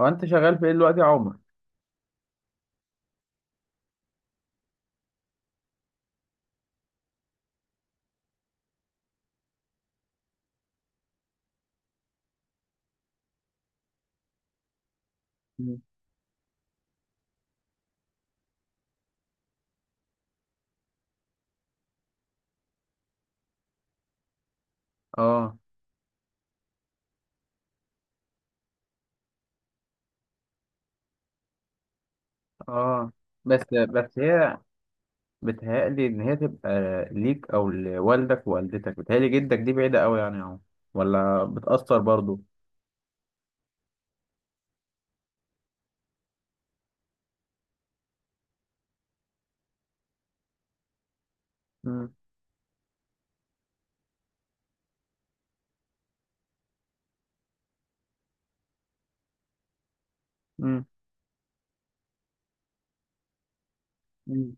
هو انت شغال في ايه دلوقتي يا عمر؟ مم. اه. اه. بس هي بتهيألي ان هي تبقى ليك او لوالدك ووالدتك، بتهيألي جدك دي بعيدة قوي يعني يا عمر، ولا بتأثر برضو؟ مم. مم. مم.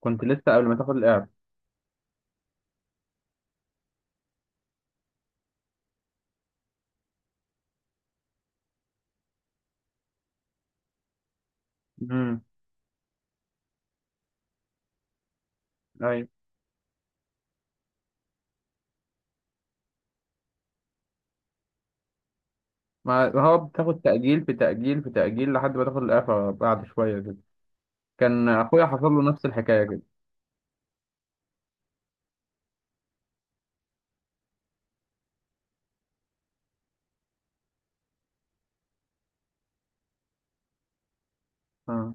كنت لسه قبل ما تاخد الإعفاء؟ امم. ايوه. ما هو بتاخد تأجيل في تأجيل في تأجيل لحد ما تاخد الإعفاء بعد شوية كده. كان أخويا حصل له نفس الحكاية كده. اه.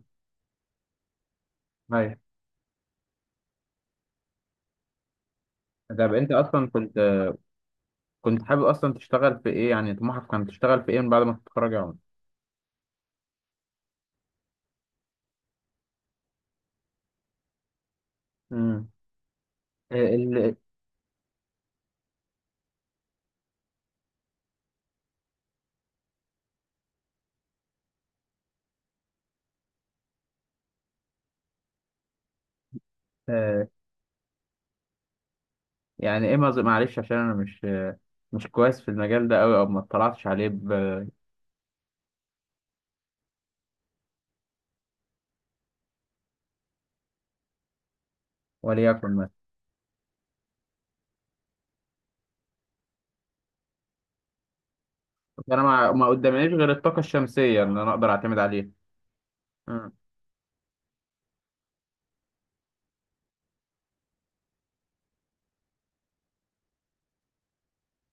ايوه. طب أنت أصلا كنت حابب أصلا تشتغل في إيه؟ يعني طموحك كان تشتغل في إيه من بعد ما تتخرج يا عمر؟ امم. ال... آه، يعني اما معلش، عشان انا مش كويس في المجال ده قوي او ما اطلعتش عليه وليكن مثلا فانا ما قدامنيش غير الطاقه الشمسيه اللي انا اقدر اعتمد عليها. امم.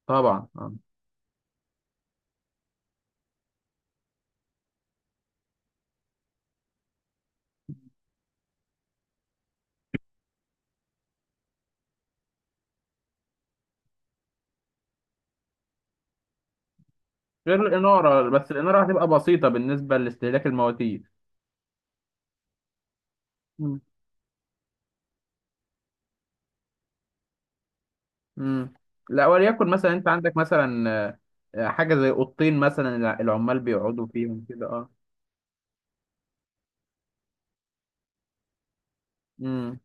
طبعا. غير الاناره، بس الاناره هتبقى بسيطه بالنسبه لاستهلاك المواتير. امم. امم. لا، وليكن مثلا انت عندك مثلا حاجه زي اوضتين، مثلا العمال بيقعدوا فيهم كده، اه. امم.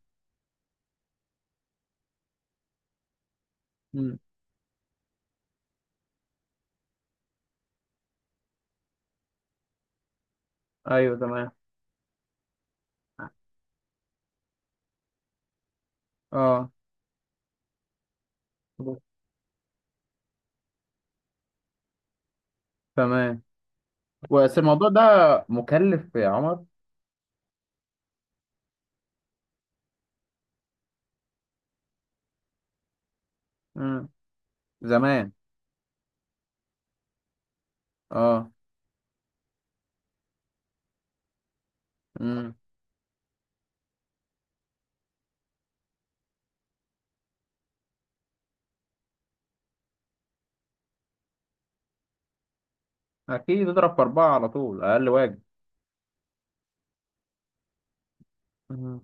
امم. ايوه، تمام. اه. تمام. بس الموضوع ده مكلف يا عمر. مم. زمان. اه. مم. اكيد، اضرب في اربعة على طول، اقل واجب. مم.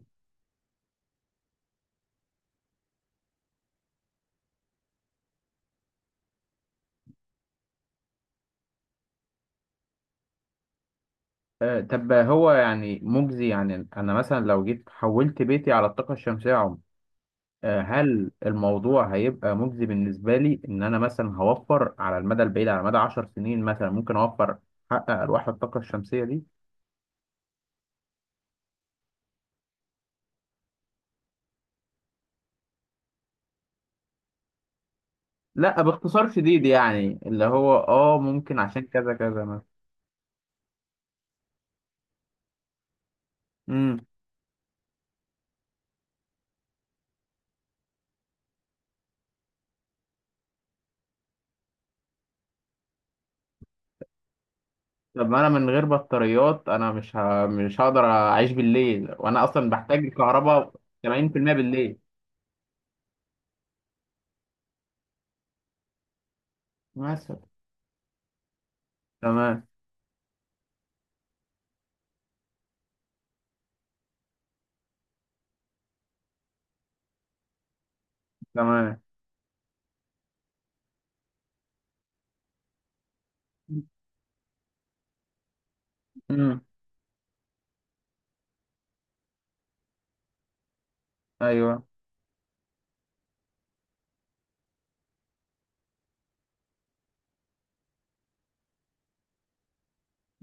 طب هو يعني مجزي؟ يعني انا مثلا لو جيت حولت بيتي على الطاقه الشمسيه يا عمر، هل الموضوع هيبقى مجزي بالنسبه لي ان انا مثلا هوفر على المدى البعيد، على مدى 10 سنين مثلا ممكن اوفر حق ارواح الطاقه الشمسيه دي؟ لا، باختصار شديد، يعني اللي هو ممكن عشان كذا كذا. مثلا. طب ما انا من غير بطاريات انا مش هقدر اعيش بالليل وانا اصلا بحتاج الكهرباء 80% بالليل. مثلا. تمام. تمام. امم. ايوه.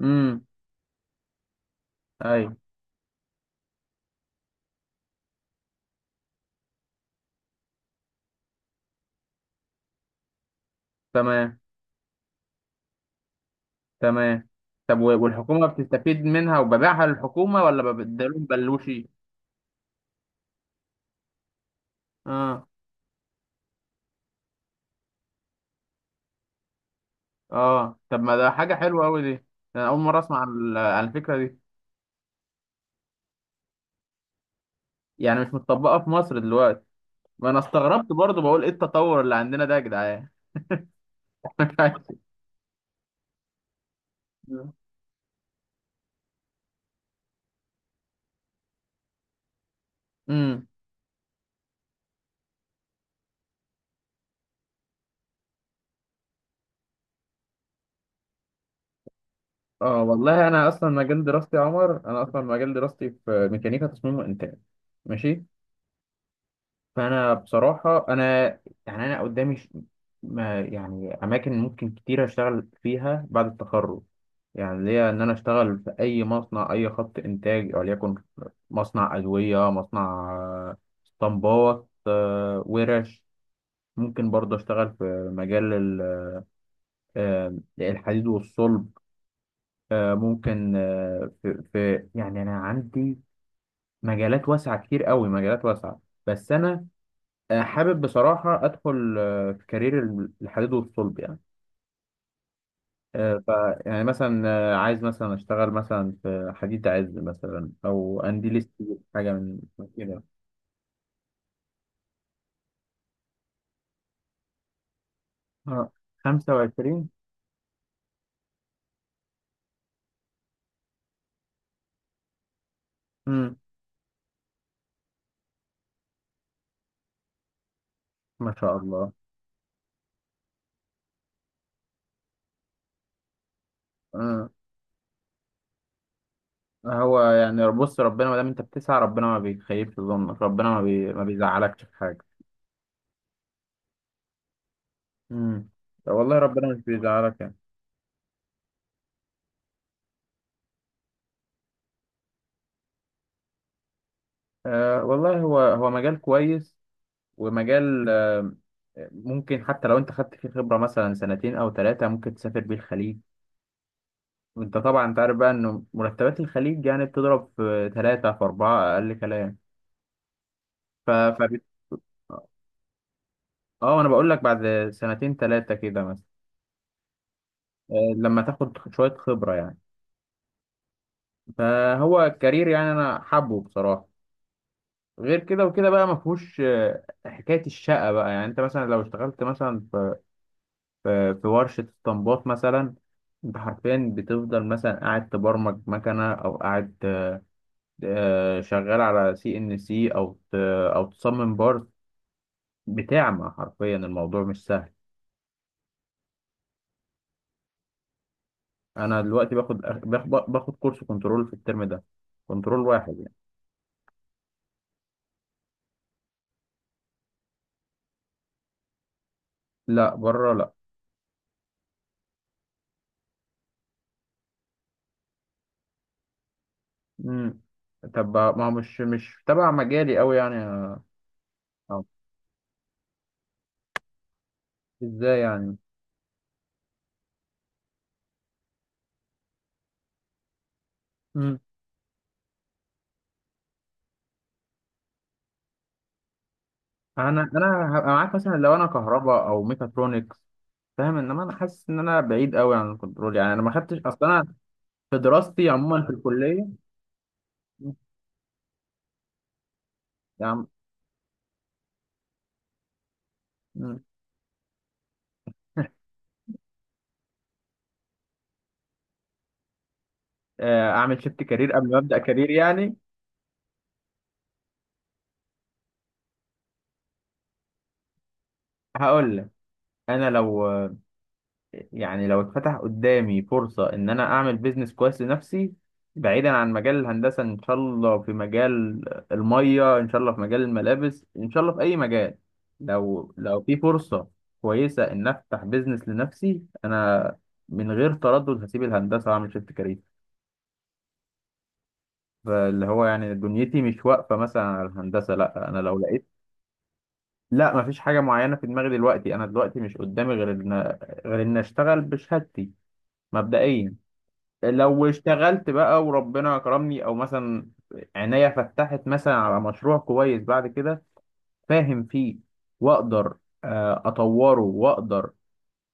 امم. ايوه. تمام. تمام. طب والحكومه بتستفيد منها وببيعها للحكومه ولا ببدلهم بلوشي؟ اه. اه. طب ما ده حاجه حلوه قوي دي. انا اول مره اسمع عن عن الفكره دي. يعني مش متطبقه في مصر دلوقتي؟ ما انا استغربت برضو، بقول ايه التطور اللي عندنا ده يا جدعان! امم. اه. والله انا اصلا مجال دراستي يا عمر، انا اصلا مجال دراستي في ميكانيكا تصميم وانتاج. ماشي. فانا بصراحه انا، يعني انا قدامي ما يعني اماكن ممكن كتير اشتغل فيها بعد التخرج. يعني ليا ان انا اشتغل في اي مصنع، اي خط انتاج، وليكن مصنع ادويه، مصنع اسطمبات، ورش. ممكن برضه اشتغل في مجال الحديد والصلب. ممكن في يعني انا عندي مجالات واسعه كتير قوي، مجالات واسعه. بس انا حابب بصراحه ادخل في كارير الحديد والصلب يعني. آه، ف يعني مثلا عايز مثلا اشتغل مثلا في حديد عز، مثلا او قنديل ستيل، حاجه من كده. آه، 25. امم. ما شاء الله. آه، هو يعني، بص، ربنا ما دام انت بتسعى ربنا ما بيخيبش ظنك، ربنا ما بيزعلكش في حاجه. امم. والله ربنا مش بيزعلك يعني. والله هو مجال كويس ومجال ممكن، حتى لو انت خدت فيه خبرة مثلا سنتين او ثلاثة ممكن تسافر بيه الخليج. وانت طبعا انت عارف بقى انه مرتبات الخليج يعني بتضرب في ثلاثة في أربعة، اقل كلام. ف ف اه انا بقول لك بعد سنتين ثلاثة كده مثلا. لما تاخد شوية خبرة يعني. فهو الكارير، يعني انا حابه بصراحة. غير كده وكده بقى، ما فيهوش حكاية الشقة بقى، يعني انت مثلا لو اشتغلت مثلا في ورشة اسطمبات مثلا، انت حرفيا بتفضل مثلا قاعد تبرمج مكنة، او قاعد شغال على سي ان سي، او تصمم بارت. بتعمى حرفيا، الموضوع مش سهل. انا دلوقتي باخد كورس كنترول في الترم ده، كنترول واحد يعني. لا بره، لا. مم. طب ما هو مش تبع مجالي قوي يعني. أو. ازاي يعني؟ مم. انا هبقى معاك مثلا لو انا كهرباء او ميكاترونكس، فاهم، انما انا حاسس ان انا بعيد قوي عن الكنترول، يعني انا ما خدتش اصلا، انا في دراستي عموما في الكليه يعني. مم. اعمل شيفت كارير قبل ما ابدا كارير يعني؟ هقول لك، انا لو، يعني لو اتفتح قدامي فرصه ان انا اعمل بيزنس كويس لنفسي بعيدا عن مجال الهندسه، ان شاء الله في مجال الميه، ان شاء الله في مجال الملابس، ان شاء الله في اي مجال، لو في فرصه كويسه ان افتح بيزنس لنفسي، انا من غير تردد هسيب الهندسه واعمل شيفت كارير. فاللي هو يعني دنيتي مش واقفة مثلا على الهندسة، لا أنا لو لقيت. لا، مفيش حاجة معينة في دماغي دلوقتي. أنا دلوقتي مش قدامي غير إن أشتغل بشهادتي مبدئيا. لو اشتغلت بقى وربنا كرمني، أو مثلا عينيا فتحت مثلا على مشروع كويس بعد كده فاهم فيه، وأقدر أطوره، وأقدر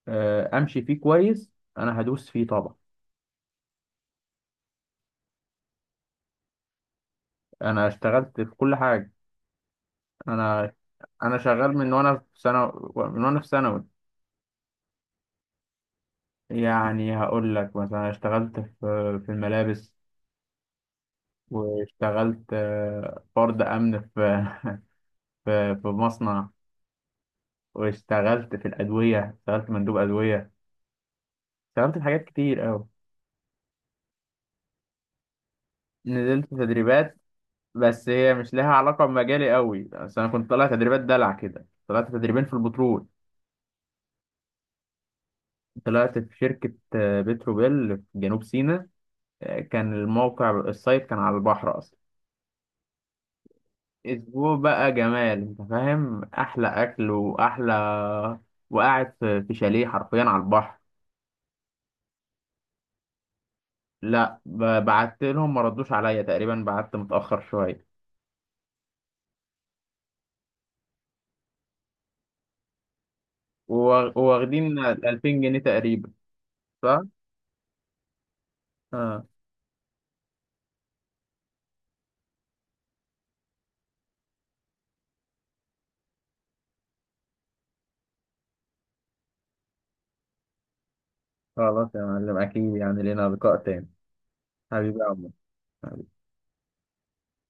أمشي فيه كويس. أنا هدوس فيه طبعا. أنا اشتغلت في كل حاجة. أنا أنا شغال من وأنا في ثانوي. يعني هقول لك مثلا اشتغلت في في الملابس. واشتغلت فرد امن في في مصنع، واشتغلت في الادويه، اشتغلت مندوب ادويه. اشتغلت في حاجات كتير قوي. نزلت تدريبات، بس هي مش لها علاقه بمجالي قوي، بس انا كنت طالع تدريبات دلع كده. طلعت تدريبين في البترول، طلعت في شركه بتروبيل في جنوب سيناء. كان الموقع السايت كان على البحر اصلا. اسبوع بقى جمال، انت فاهم، احلى اكل واحلى، وقاعد في شاليه حرفيا على البحر. لا بعت لهم ما ردوش عليا تقريبا، بعت متاخر شويه. وواخدين 2000 جنيه تقريبا. صح. اه. خلاص يا معلم، اكيد يعني لينا لقاء تاني. حبيبي يا عمر.